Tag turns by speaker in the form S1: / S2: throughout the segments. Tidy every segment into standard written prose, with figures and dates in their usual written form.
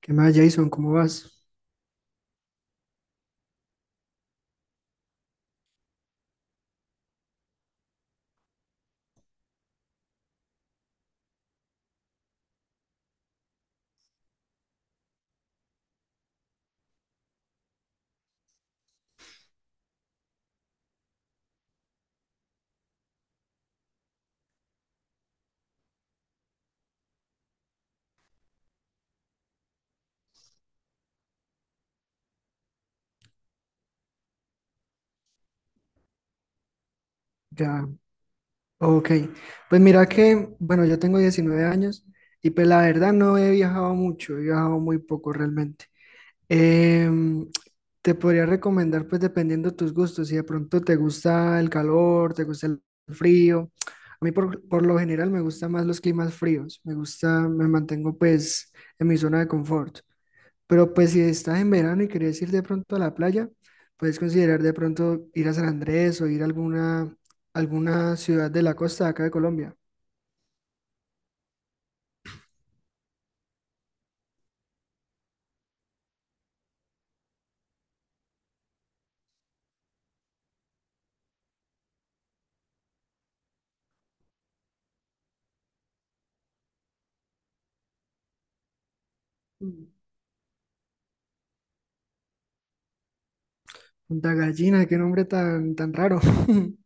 S1: ¿Qué más, Jason? ¿Cómo vas? Ya, ok. Pues mira que, bueno, yo tengo 19 años y pues la verdad no he viajado mucho, he viajado muy poco realmente. Em, Te podría recomendar pues dependiendo de tus gustos, si de pronto te gusta el calor, te gusta el frío. A mí por lo general me gustan más los climas fríos, me gusta, me mantengo pues en mi zona de confort. Pero pues si estás en verano y querés ir de pronto a la playa, puedes considerar de pronto ir a San Andrés o ir a alguna ciudad de la costa de acá de Colombia. Mm. Punta Gallina, qué nombre tan, tan raro.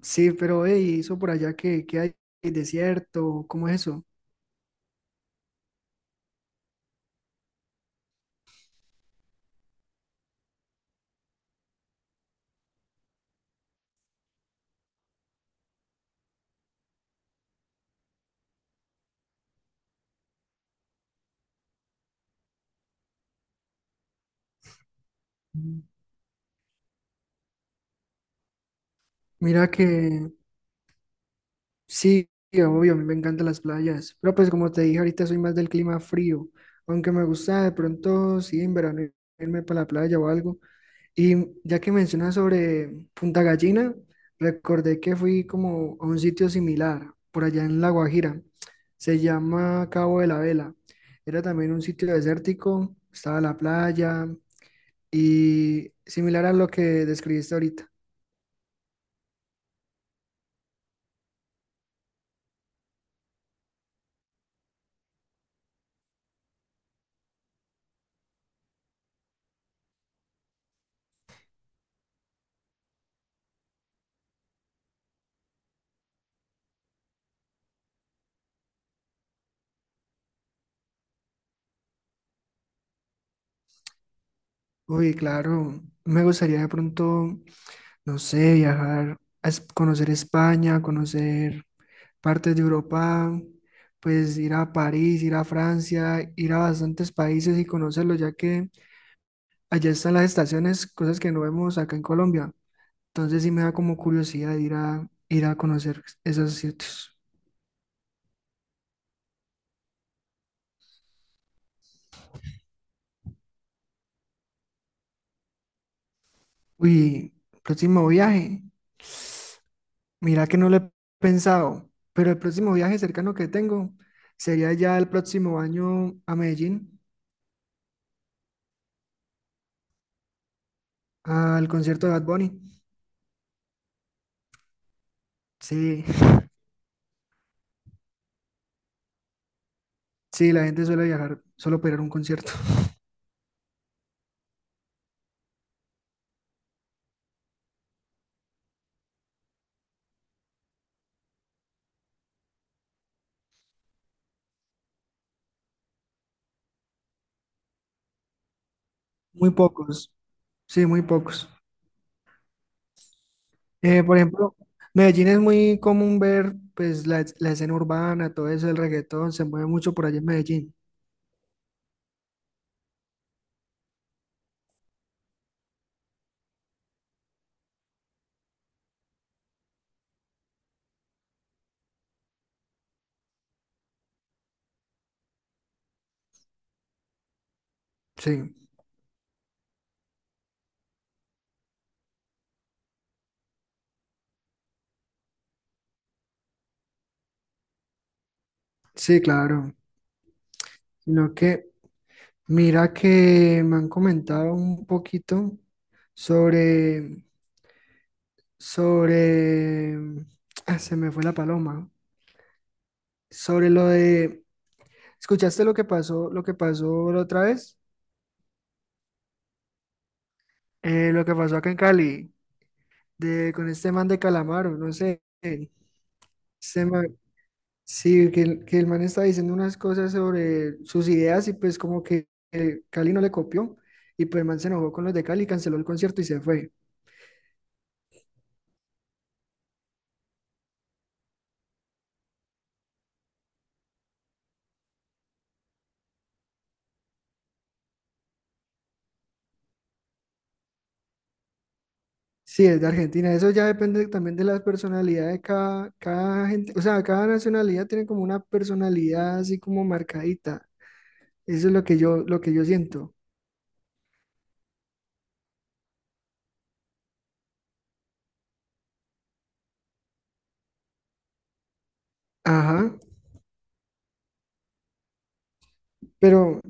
S1: Sí, pero hey, ¿y eso por allá que, hay ¿Hay desierto? ¿Cómo es eso? Mm. Mira que sí, obvio, a mí me encantan las playas, pero pues como te dije ahorita soy más del clima frío, aunque me gusta de pronto, sí, en verano irme para la playa o algo. Y ya que mencionas sobre Punta Gallina, recordé que fui como a un sitio similar, por allá en La Guajira. Se llama Cabo de la Vela. Era también un sitio desértico, estaba la playa y similar a lo que describiste ahorita. Uy, claro, me gustaría de pronto, no sé, viajar a es- conocer España, conocer partes de Europa, pues ir a París, ir a Francia, ir a bastantes países y conocerlos, ya que allá están las estaciones, cosas que no vemos acá en Colombia. Entonces sí me da como curiosidad ir a, conocer esos sitios. Uy, próximo viaje. Mira que no lo he pensado, pero el próximo viaje cercano que tengo sería ya el próximo año a Medellín, al concierto de Bad Bunny. Sí, sí, la gente suele viajar solo para ir a un concierto. Muy pocos, sí, muy pocos. Por ejemplo, Medellín es muy común ver pues la, es- la escena urbana, todo eso, el reggaetón, se mueve mucho por allá en Medellín. Sí, sí, claro. Sino que, mira que me han comentado un poquito sobre, sobre, ah, se me fue la paloma, sobre lo de, ¿escuchaste lo que pasó la otra vez? Lo que pasó acá en Cali, de, con este man de Calamaro, no sé, este sí, que el, man estaba diciendo unas cosas sobre sus ideas y pues como que Cali no le copió y pues el man se enojó con los de Cali, canceló el concierto y se fue. Sí, es de Argentina. Eso ya depende también de la personalidad de cada gente. O sea, cada nacionalidad tiene como una personalidad así como marcadita. Eso es lo que yo, siento. Ajá. Pero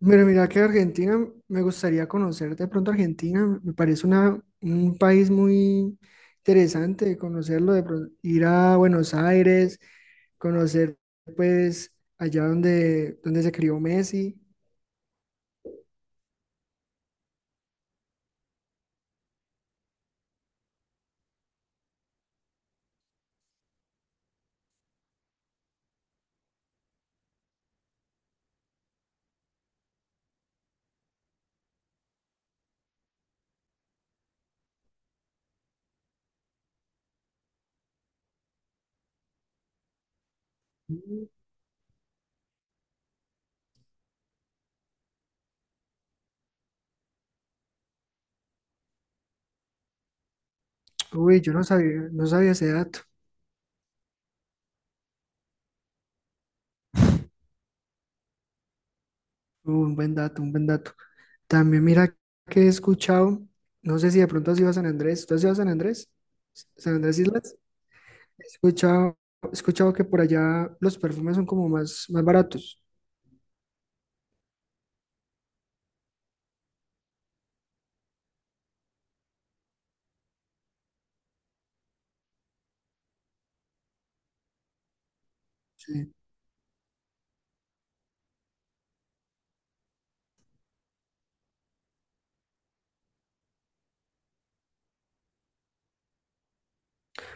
S1: Pero mira que Argentina, me gustaría conocer de pronto Argentina, me parece una, un país muy interesante conocerlo, de pronto, ir a Buenos Aires, conocer pues allá donde, donde se crió Messi. Uy, yo no sabía, no sabía ese dato. Un buen dato, un buen dato. También mira que he escuchado, no sé si de pronto has ido a San Andrés, ¿tú has ido a San Andrés? ¿San Andrés Islas? He escuchado, he escuchado que por allá los perfumes son como más, más baratos. Sí.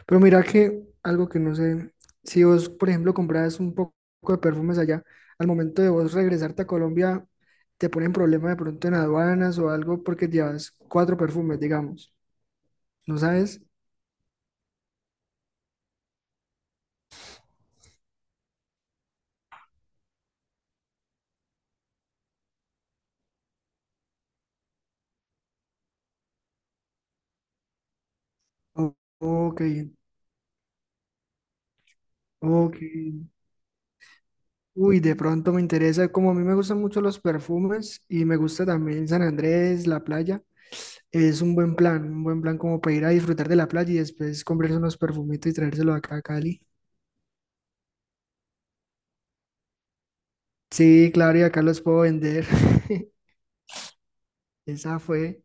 S1: Pero mira que algo que no sé, si vos, por ejemplo, compras un poco de perfumes allá, al momento de vos regresarte a Colombia, te ponen problema de pronto en aduanas o algo porque llevas 4 perfumes, digamos. ¿No sabes? Ok, ok. Uy, de pronto me interesa, como a mí me gustan mucho los perfumes y me gusta también San Andrés, la playa, es un buen plan como para ir a disfrutar de la playa y después comprarse unos perfumitos y traérselo acá a Cali. Sí, claro, y acá los puedo vender. Esa fue.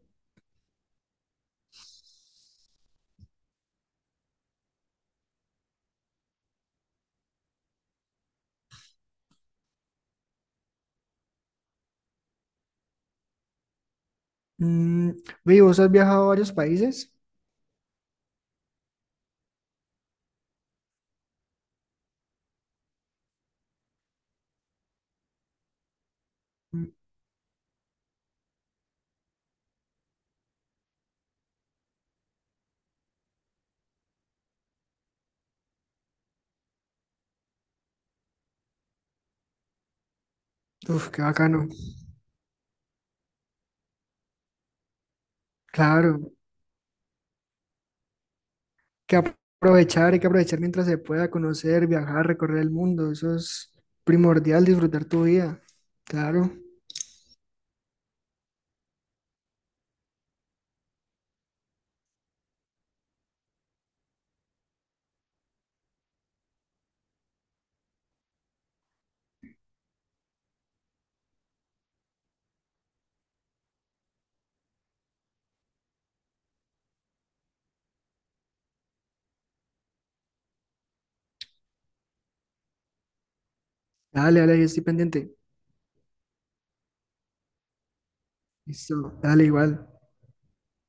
S1: Mm, ve, ¿vos has viajado a varios países? Mm, Uf, qué bacano. Claro, hay que aprovechar mientras se pueda conocer, viajar, recorrer el mundo. Eso es primordial, disfrutar tu vida. Claro. Dale, dale, yo estoy pendiente. Listo, dale, igual.